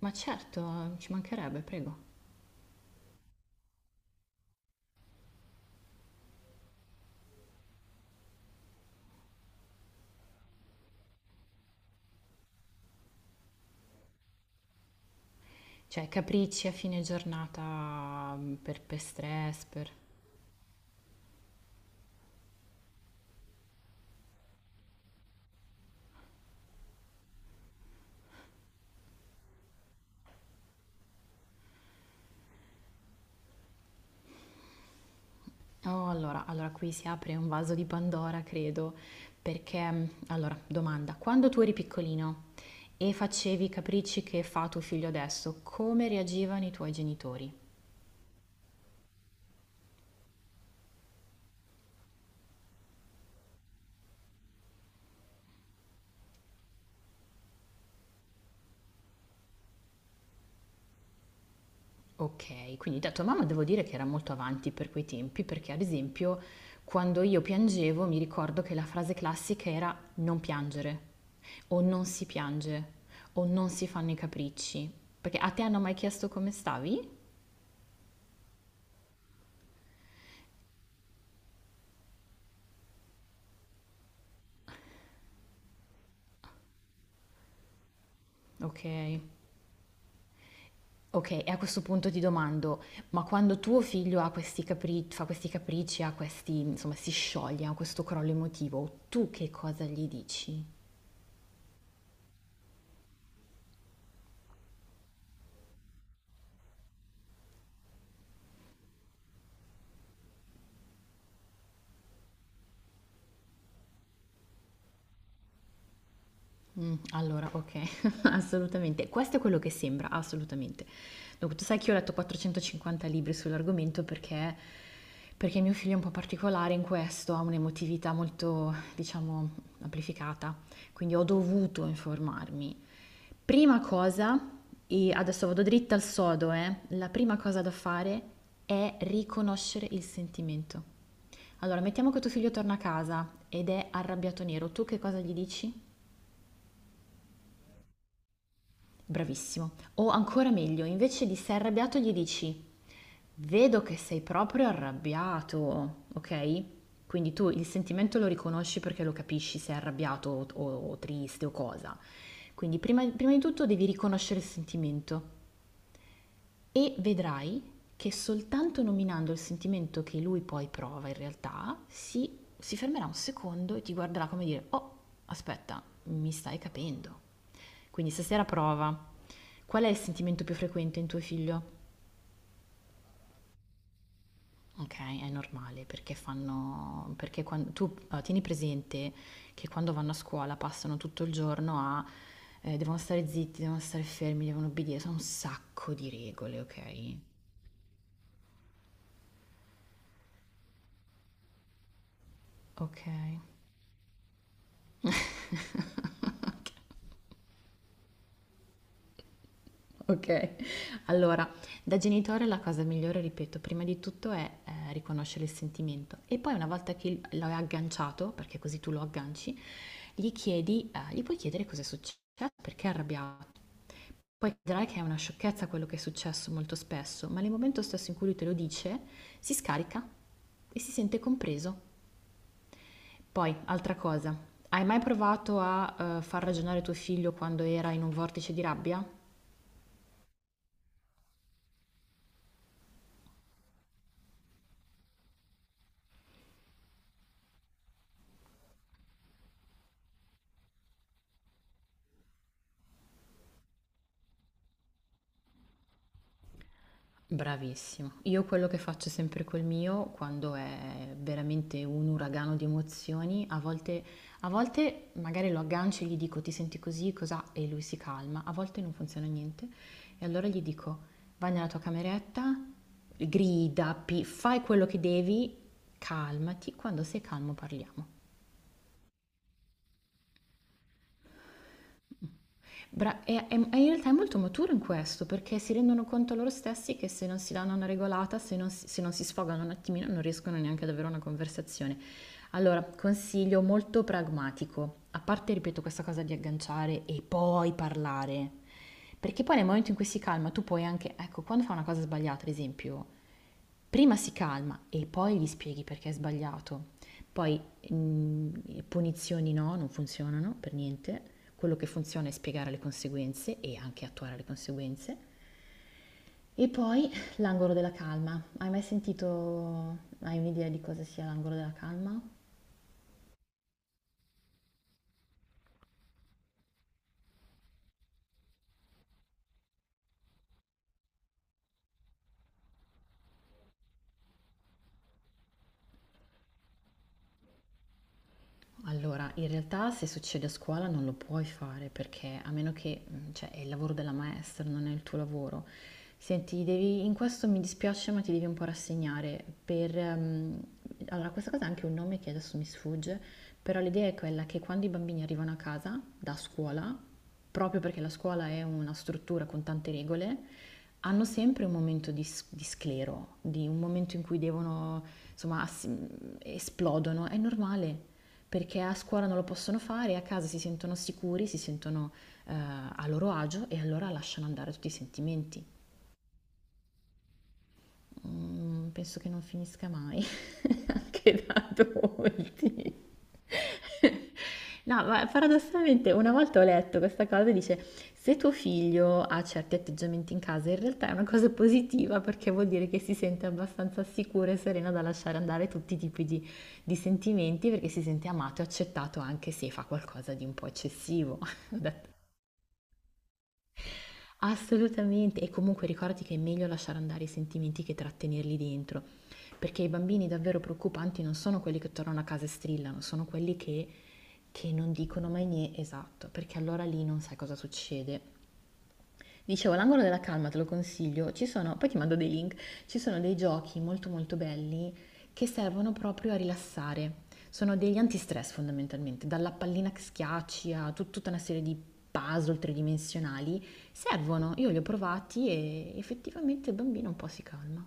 Ma certo, ci mancherebbe, prego. Cioè, capricci a fine giornata per stress, per... Oh, allora qui si apre un vaso di Pandora, credo, perché, allora, domanda, quando tu eri piccolino e facevi i capricci che fa tuo figlio adesso, come reagivano i tuoi genitori? Okay, quindi da tua mamma devo dire che era molto avanti per quei tempi, perché ad esempio quando io piangevo mi ricordo che la frase classica era non piangere o non si piange o non si fanno i capricci. Perché a te hanno mai chiesto come stavi? Okay. Okay, e a questo punto ti domando, ma quando tuo figlio ha fa questi capricci, ha questi, insomma, si scioglie, ha questo crollo emotivo, tu che cosa gli dici? Allora okay, assolutamente. Questo è quello che sembra, assolutamente. Dunque, tu sai che io ho letto 450 libri sull'argomento perché mio figlio è un po' particolare in questo, ha un'emotività molto, diciamo, amplificata, quindi ho dovuto informarmi. Prima cosa, e adesso vado dritta al sodo, la prima cosa da fare è riconoscere il sentimento. Allora, mettiamo che tuo figlio torna a casa ed è arrabbiato nero, tu che cosa gli dici? Bravissimo. O ancora meglio, invece di sei arrabbiato gli dici: "Vedo che sei proprio arrabbiato", ok? Quindi tu il sentimento lo riconosci perché lo capisci se è arrabbiato o triste o cosa. Quindi prima di tutto devi riconoscere il sentimento. E vedrai che soltanto nominando il sentimento che lui poi prova in realtà, si fermerà un secondo e ti guarderà come dire, oh, aspetta, mi stai capendo. Quindi stasera prova. Qual è il sentimento più frequente in tuo figlio? Ok, è normale perché fanno, perché quando, tu tieni presente che quando vanno a scuola passano tutto il giorno a, devono stare zitti, devono stare fermi, devono obbedire, sono un sacco di regole, ok? Ok. Okay. Allora, da genitore la cosa migliore, ripeto, prima di tutto è, riconoscere il sentimento e poi una volta che il l'hai agganciato, perché così tu lo agganci, gli chiedi gli puoi chiedere cos'è successo, perché è arrabbiato. Poi vedrai che è una sciocchezza quello che è successo molto spesso, ma nel momento stesso in cui lui te lo dice, si scarica e si sente compreso. Poi, altra cosa, hai mai provato a, far ragionare tuo figlio quando era in un vortice di rabbia? Bravissimo. Io quello che faccio sempre col mio, quando è veramente un uragano di emozioni, a volte magari lo aggancio e gli dico ti senti così, cos'ha? E lui si calma, a volte non funziona niente. E allora gli dico vai nella tua cameretta, grida, fai quello che devi, calmati, quando sei calmo parliamo. E in realtà è molto maturo in questo, perché si rendono conto loro stessi che se non si danno una regolata, se non si sfogano un attimino, non riescono neanche ad avere una conversazione. Allora, consiglio molto pragmatico, a parte, ripeto, questa cosa di agganciare e poi parlare, perché poi nel momento in cui si calma, tu puoi anche, ecco, quando fa una cosa sbagliata, ad esempio, prima si calma e poi gli spieghi perché è sbagliato. Poi punizioni no, non funzionano per niente. Quello che funziona è spiegare le conseguenze e anche attuare le conseguenze. E poi l'angolo della calma. Hai mai sentito, hai un'idea di cosa sia l'angolo della calma? Allora, in realtà se succede a scuola non lo puoi fare perché a meno che, cioè, è il lavoro della maestra, non è il tuo lavoro. Senti, devi, in questo mi dispiace, ma ti devi un po' rassegnare. Per, allora, questa cosa ha anche un nome che adesso mi sfugge, però l'idea è quella che quando i bambini arrivano a casa da scuola, proprio perché la scuola è una struttura con tante regole, hanno sempre un momento di, di sclero, di un momento in cui devono, insomma, esplodono. È normale, perché a scuola non lo possono fare, a casa si sentono sicuri, si sentono a loro agio e allora lasciano andare tutti i sentimenti. Mm, penso che non finisca mai, anche da adulti. No, ma paradossalmente una volta ho letto questa cosa e dice, se tuo figlio ha certi atteggiamenti in casa, in realtà è una cosa positiva perché vuol dire che si sente abbastanza sicura e serena da lasciare andare tutti i tipi di sentimenti perché si sente amato e accettato anche se fa qualcosa di un po' eccessivo. Ho detto, assolutamente, e comunque ricordati che è meglio lasciare andare i sentimenti che trattenerli dentro, perché i bambini davvero preoccupanti non sono quelli che tornano a casa e strillano, sono quelli che non dicono mai niente, esatto, perché allora lì non sai cosa succede. Dicevo, l'angolo della calma te lo consiglio, ci sono, poi ti mando dei link, ci sono dei giochi molto molto belli che servono proprio a rilassare. Sono degli antistress fondamentalmente, dalla pallina che schiacci a tutta una serie di puzzle tridimensionali, servono, io li ho provati e effettivamente il bambino un po' si calma.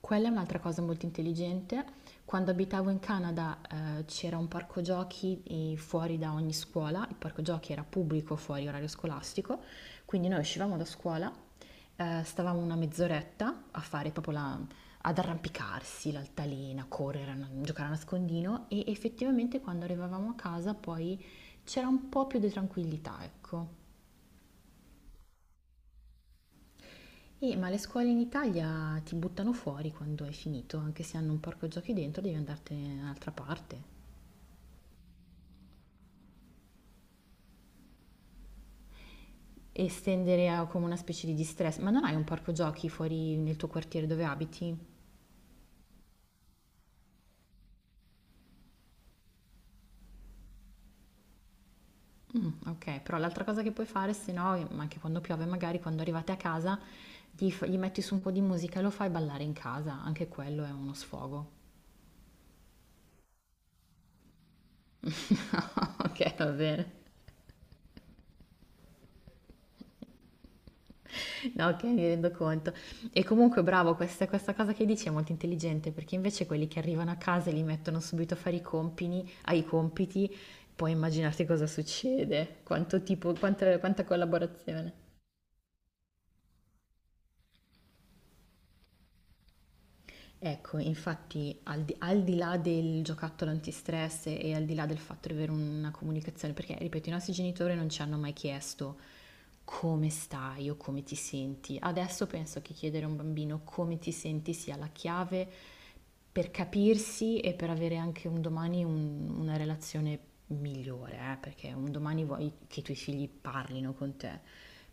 Quella è un'altra cosa molto intelligente. Quando abitavo in Canada, c'era un parco giochi fuori da ogni scuola, il parco giochi era pubblico fuori orario scolastico, quindi noi uscivamo da scuola, stavamo una mezz'oretta a fare proprio la, ad arrampicarsi, l'altalena, correre, giocare a nascondino e effettivamente quando arrivavamo a casa poi c'era un po' più di tranquillità, ecco. Ma le scuole in Italia ti buttano fuori quando hai finito, anche se hanno un parco giochi dentro, devi andartene in un'altra parte. E estendere come una specie di distress. Ma non hai un parco giochi fuori nel tuo quartiere dove abiti? Mm, ok, però l'altra cosa che puoi fare, se no, ma anche quando piove, magari quando arrivate a casa, gli metti su un po' di musica e lo fai ballare in casa, anche quello è uno sfogo. Ok, va bene. No, ok, mi rendo conto. E comunque, bravo, questa cosa che dici è molto intelligente perché invece quelli che arrivano a casa e li mettono subito a fare i compiti, ai compiti, puoi immaginarti cosa succede, quanto tipo, quanta collaborazione. Ecco, infatti al di là del giocattolo antistress e al di là del fatto di avere una comunicazione, perché ripeto, i nostri genitori non ci hanno mai chiesto come stai o come ti senti. Adesso penso che chiedere a un bambino come ti senti sia la chiave per capirsi e per avere anche un domani una relazione migliore, perché un domani vuoi che i tuoi figli parlino con te.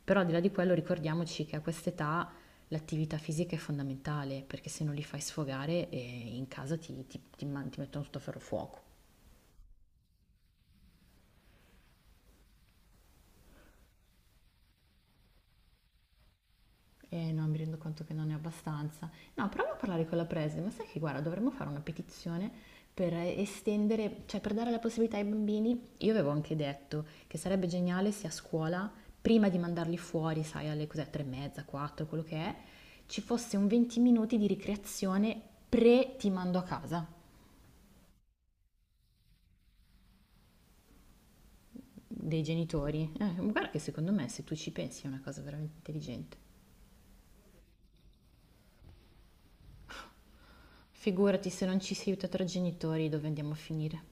Però al di là di quello ricordiamoci che a quest'età l'attività fisica è fondamentale perché se non li fai sfogare in casa ti mettono sotto ferro fuoco. E no, mi rendo conto che non ne ho abbastanza. No, proviamo a parlare con la preside, ma sai che guarda, dovremmo fare una petizione per estendere, cioè per dare la possibilità ai bambini. Io avevo anche detto che sarebbe geniale se a scuola, prima di mandarli fuori, sai, alle cos'è, tre e mezza, quattro, quello che è, ci fosse un 20 minuti di ricreazione pre ti mando a casa. Dei genitori. Guarda che secondo me se tu ci pensi è una cosa veramente intelligente. Figurati se non ci si aiuta tra genitori dove andiamo a finire.